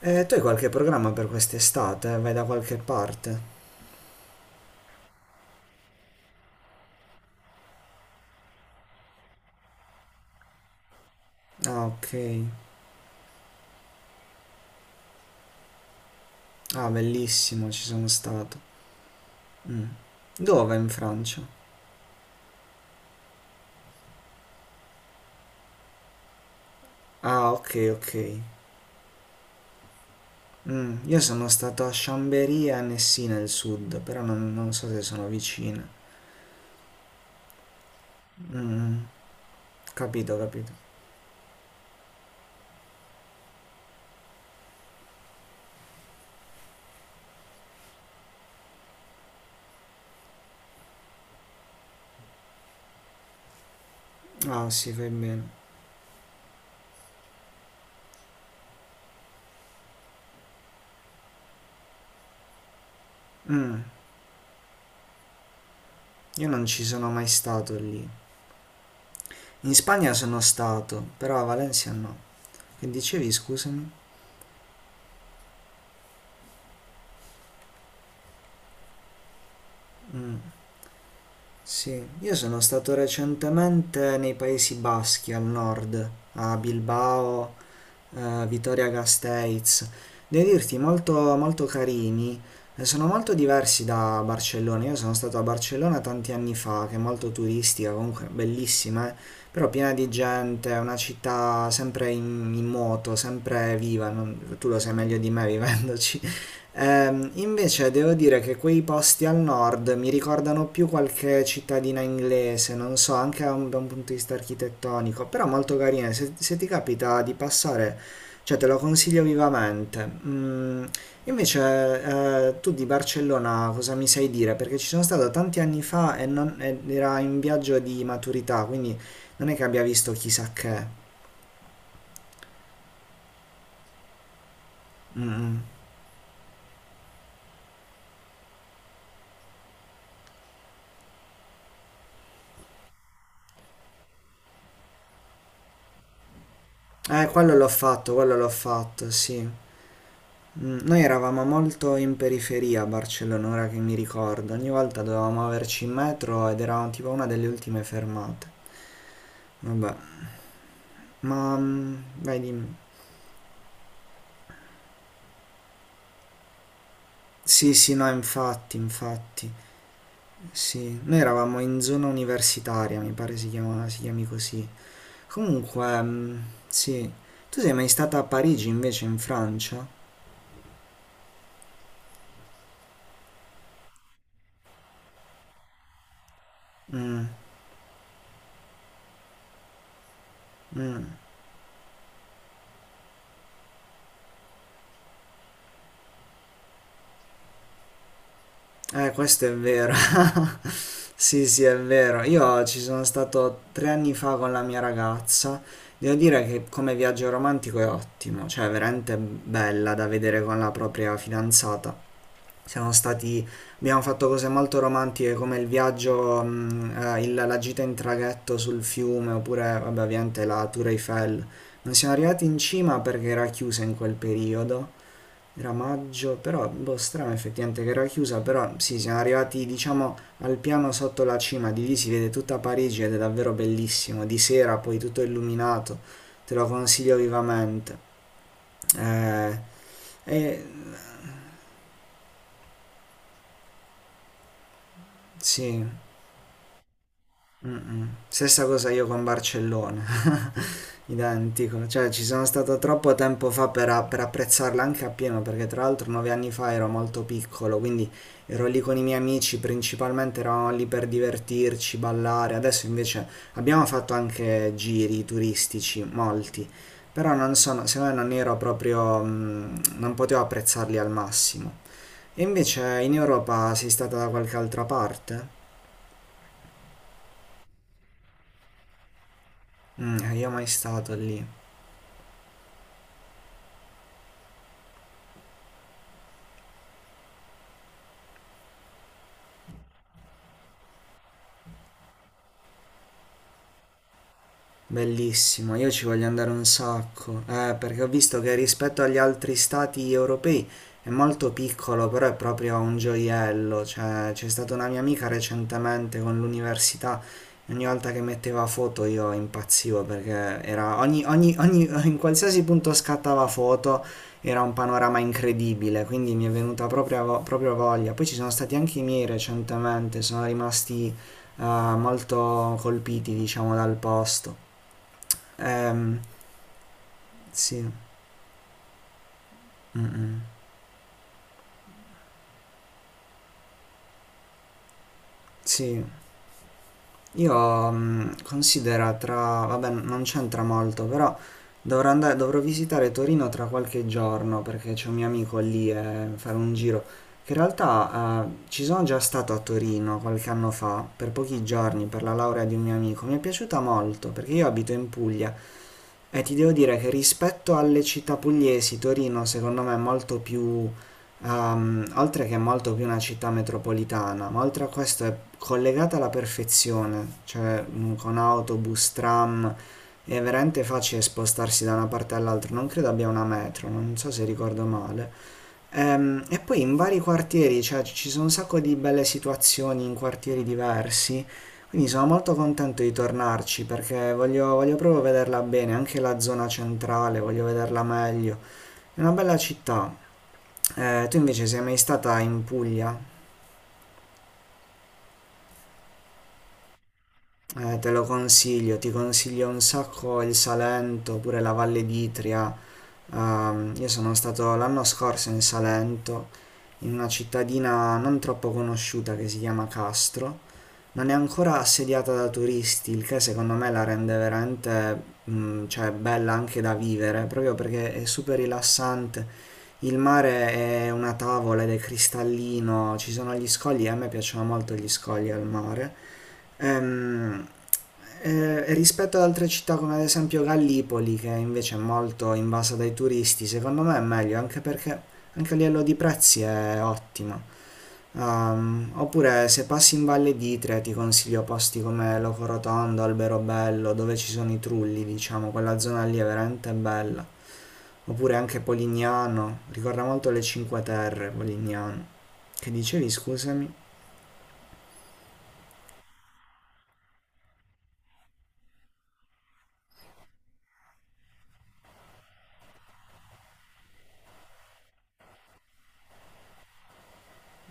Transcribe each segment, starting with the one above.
Tu hai qualche programma per quest'estate? Vai da qualche parte? Ah, ok. Ah, bellissimo, ci sono stato. Dove in Francia? Ah, ok, ok. Io sono stato a Chambéry e a Annecy nel sud, però non so se sono vicine. Mm, capito, capito. Ah, sì, fai bene. Mm, io non ci sono mai stato lì. In Spagna sono stato, però a Valencia no. Che dicevi, scusami? Mm. Sì, io sono stato recentemente nei Paesi Baschi al nord, a Bilbao, Vittoria Gasteiz, devo dirti molto, molto carini, sono molto diversi da Barcellona, io sono stato a Barcellona tanti anni fa, che è molto turistica, comunque bellissima, però piena di gente, è una città sempre in moto, sempre viva, tu lo sai meglio di me vivendoci. Invece devo dire che quei posti al nord mi ricordano più qualche cittadina inglese, non so, anche da un punto di vista architettonico, però molto carine. Se ti capita di passare, cioè, te lo consiglio vivamente. Invece, tu di Barcellona cosa mi sai dire? Perché ci sono stato tanti anni fa e non, ed era in viaggio di maturità, quindi non è che abbia visto chissà che. Mm. Quello l'ho fatto, sì. Noi eravamo molto in periferia a Barcellona, ora che mi ricordo. Ogni volta dovevamo averci in metro ed eravamo tipo una delle ultime fermate. Vabbè, ma vai dimmi. Sì, sì, no, infatti, infatti. Sì, noi eravamo in zona universitaria, mi pare si chiama, si chiami così. Comunque, mm, sì. Tu sei mai stata a Parigi invece, in Francia? Mm, Eh, questo è vero. Sì, sì, è vero. Io ci sono stato tre anni fa con la mia ragazza. Devo dire che come viaggio romantico è ottimo, cioè è veramente bella da vedere con la propria fidanzata. Siamo stati, abbiamo fatto cose molto romantiche come il viaggio, la gita in traghetto sul fiume oppure vabbè, ovviamente la Tour Eiffel. Non siamo arrivati in cima perché era chiusa in quel periodo, era maggio, però boh, strano effettivamente che era chiusa, però sì, siamo arrivati diciamo al piano sotto la cima, di lì si vede tutta Parigi ed è davvero bellissimo, di sera poi tutto illuminato, te lo consiglio vivamente. Eh, e sì. Mm-mm. Stessa cosa io con Barcellona, identico, cioè ci sono stato troppo tempo fa per apprezzarla anche appieno, perché tra l'altro nove anni fa ero molto piccolo, quindi ero lì con i miei amici, principalmente eravamo lì per divertirci, ballare, adesso invece abbiamo fatto anche giri turistici, molti, però non sono, secondo me non ero proprio, non potevo apprezzarli al massimo. E invece in Europa sei stata da qualche altra parte? Io mai stato lì. Bellissimo, io ci voglio andare un sacco, perché ho visto che rispetto agli altri stati europei è molto piccolo, però è proprio un gioiello, cioè c'è stata una mia amica recentemente con l'università e ogni volta che metteva foto io impazzivo perché era ogni, in qualsiasi punto scattava foto era un panorama incredibile, quindi mi è venuta proprio, proprio voglia. Poi ci sono stati anche i miei recentemente, sono rimasti molto colpiti, diciamo, dal posto. Ehm, sì, mm, mm. Sì. Io considera tra... vabbè, non c'entra molto, però dovrò andare, dovrò visitare Torino tra qualche giorno perché c'è un mio amico lì e fare un giro. Che in realtà ci sono già stato a Torino qualche anno fa, per pochi giorni, per la laurea di un mio amico. Mi è piaciuta molto perché io abito in Puglia. E ti devo dire che rispetto alle città pugliesi, Torino secondo me è molto più, oltre che è molto più una città metropolitana, ma oltre a questo è collegata alla perfezione, cioè con autobus, tram, è veramente facile spostarsi da una parte all'altra, non credo abbia una metro, non so se ricordo male. E poi in vari quartieri, cioè ci sono un sacco di belle situazioni in quartieri diversi, quindi sono molto contento di tornarci perché voglio proprio vederla bene, anche la zona centrale, voglio vederla meglio. È una bella città. Tu invece sei mai stata in Puglia? Te lo consiglio, ti consiglio un sacco il Salento, oppure la Valle d'Itria. Io sono stato l'anno scorso in Salento, in una cittadina non troppo conosciuta che si chiama Castro. Non è ancora assediata da turisti, il che secondo me la rende veramente, cioè, bella anche da vivere, proprio perché è super rilassante. Il mare è una tavola ed è cristallino, ci sono gli scogli, e a me piacciono molto gli scogli al mare. Ehm, rispetto ad altre città come ad esempio Gallipoli, che invece è molto invasa dai turisti, secondo me è meglio, anche perché anche a livello di prezzi è ottima. Oppure se passi in Valle d'Itria ti consiglio posti come Locorotondo, Alberobello, dove ci sono i trulli, diciamo, quella zona lì è veramente bella. Oppure anche Polignano, ricorda molto le Cinque Terre, Polignano. Che dicevi, scusami?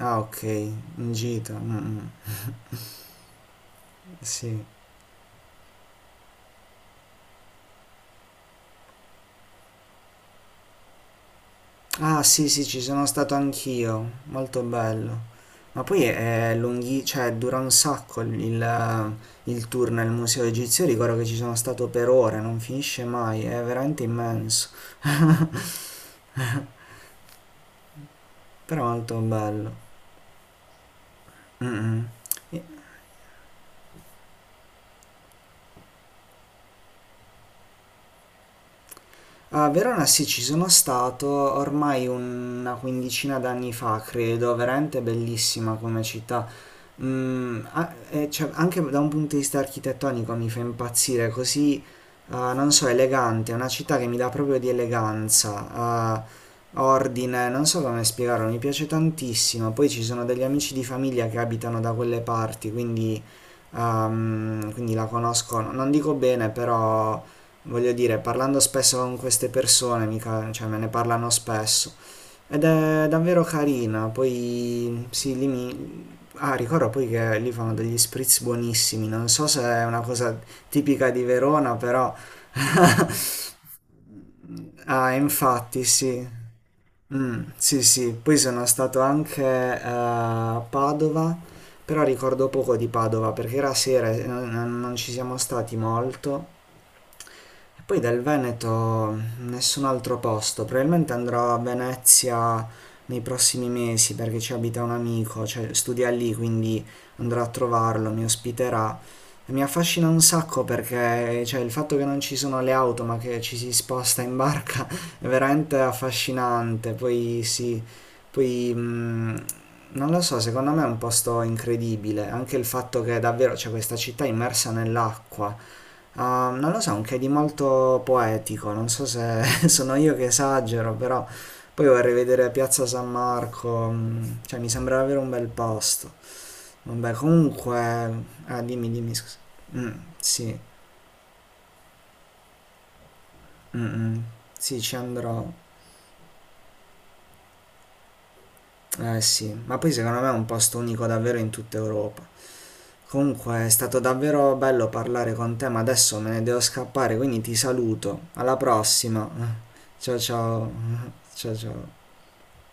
Ah, ok, in gita. Mm, mm. Sì. Ah sì sì, ci sono stato anch'io, molto bello. Ma poi è lunghi, cioè dura un sacco il tour nel museo egizio, ricordo che ci sono stato per ore, non finisce mai, è veramente immenso, però molto bello. Mm, mm. A Verona sì, ci sono stato ormai una quindicina d'anni fa, credo, veramente bellissima come città. E cioè, anche da un punto di vista architettonico mi fa impazzire, così, non so, elegante, è una città che mi dà proprio di eleganza, ordine, non so come spiegarlo, mi piace tantissimo. Poi ci sono degli amici di famiglia che abitano da quelle parti, quindi la conosco, non dico bene, però voglio dire, parlando spesso con queste persone, mica, cioè me ne parlano spesso, ed è davvero carina, poi sì, lì mi... Ah, ricordo poi che lì fanno degli spritz buonissimi, non so se è una cosa tipica di Verona, però... Ah, infatti, sì. Sì, sì, poi sono stato anche a Padova, però ricordo poco di Padova perché era sera e non ci siamo stati molto e poi del Veneto nessun altro posto, probabilmente andrò a Venezia nei prossimi mesi perché ci abita un amico, cioè studia lì, quindi andrò a trovarlo, mi ospiterà. E mi affascina un sacco perché cioè, il fatto che non ci sono le auto ma che ci si sposta in barca è veramente affascinante. Poi sì, poi non lo so, secondo me è un posto incredibile, anche il fatto che davvero c'è questa città immersa nell'acqua. Ah, non lo so, un che di molto poetico, non so se sono io che esagero, però poi vorrei vedere Piazza San Marco, cioè mi sembra davvero un bel posto. Vabbè, comunque, ah, dimmi, dimmi, scusa. Mm, sì, mm, mm, sì, ci andrò. Eh sì, ma poi secondo me è un posto unico davvero in tutta Europa. Comunque è stato davvero bello parlare con te, ma adesso me ne devo scappare, quindi ti saluto. Alla prossima. Ciao ciao. Ciao ciao.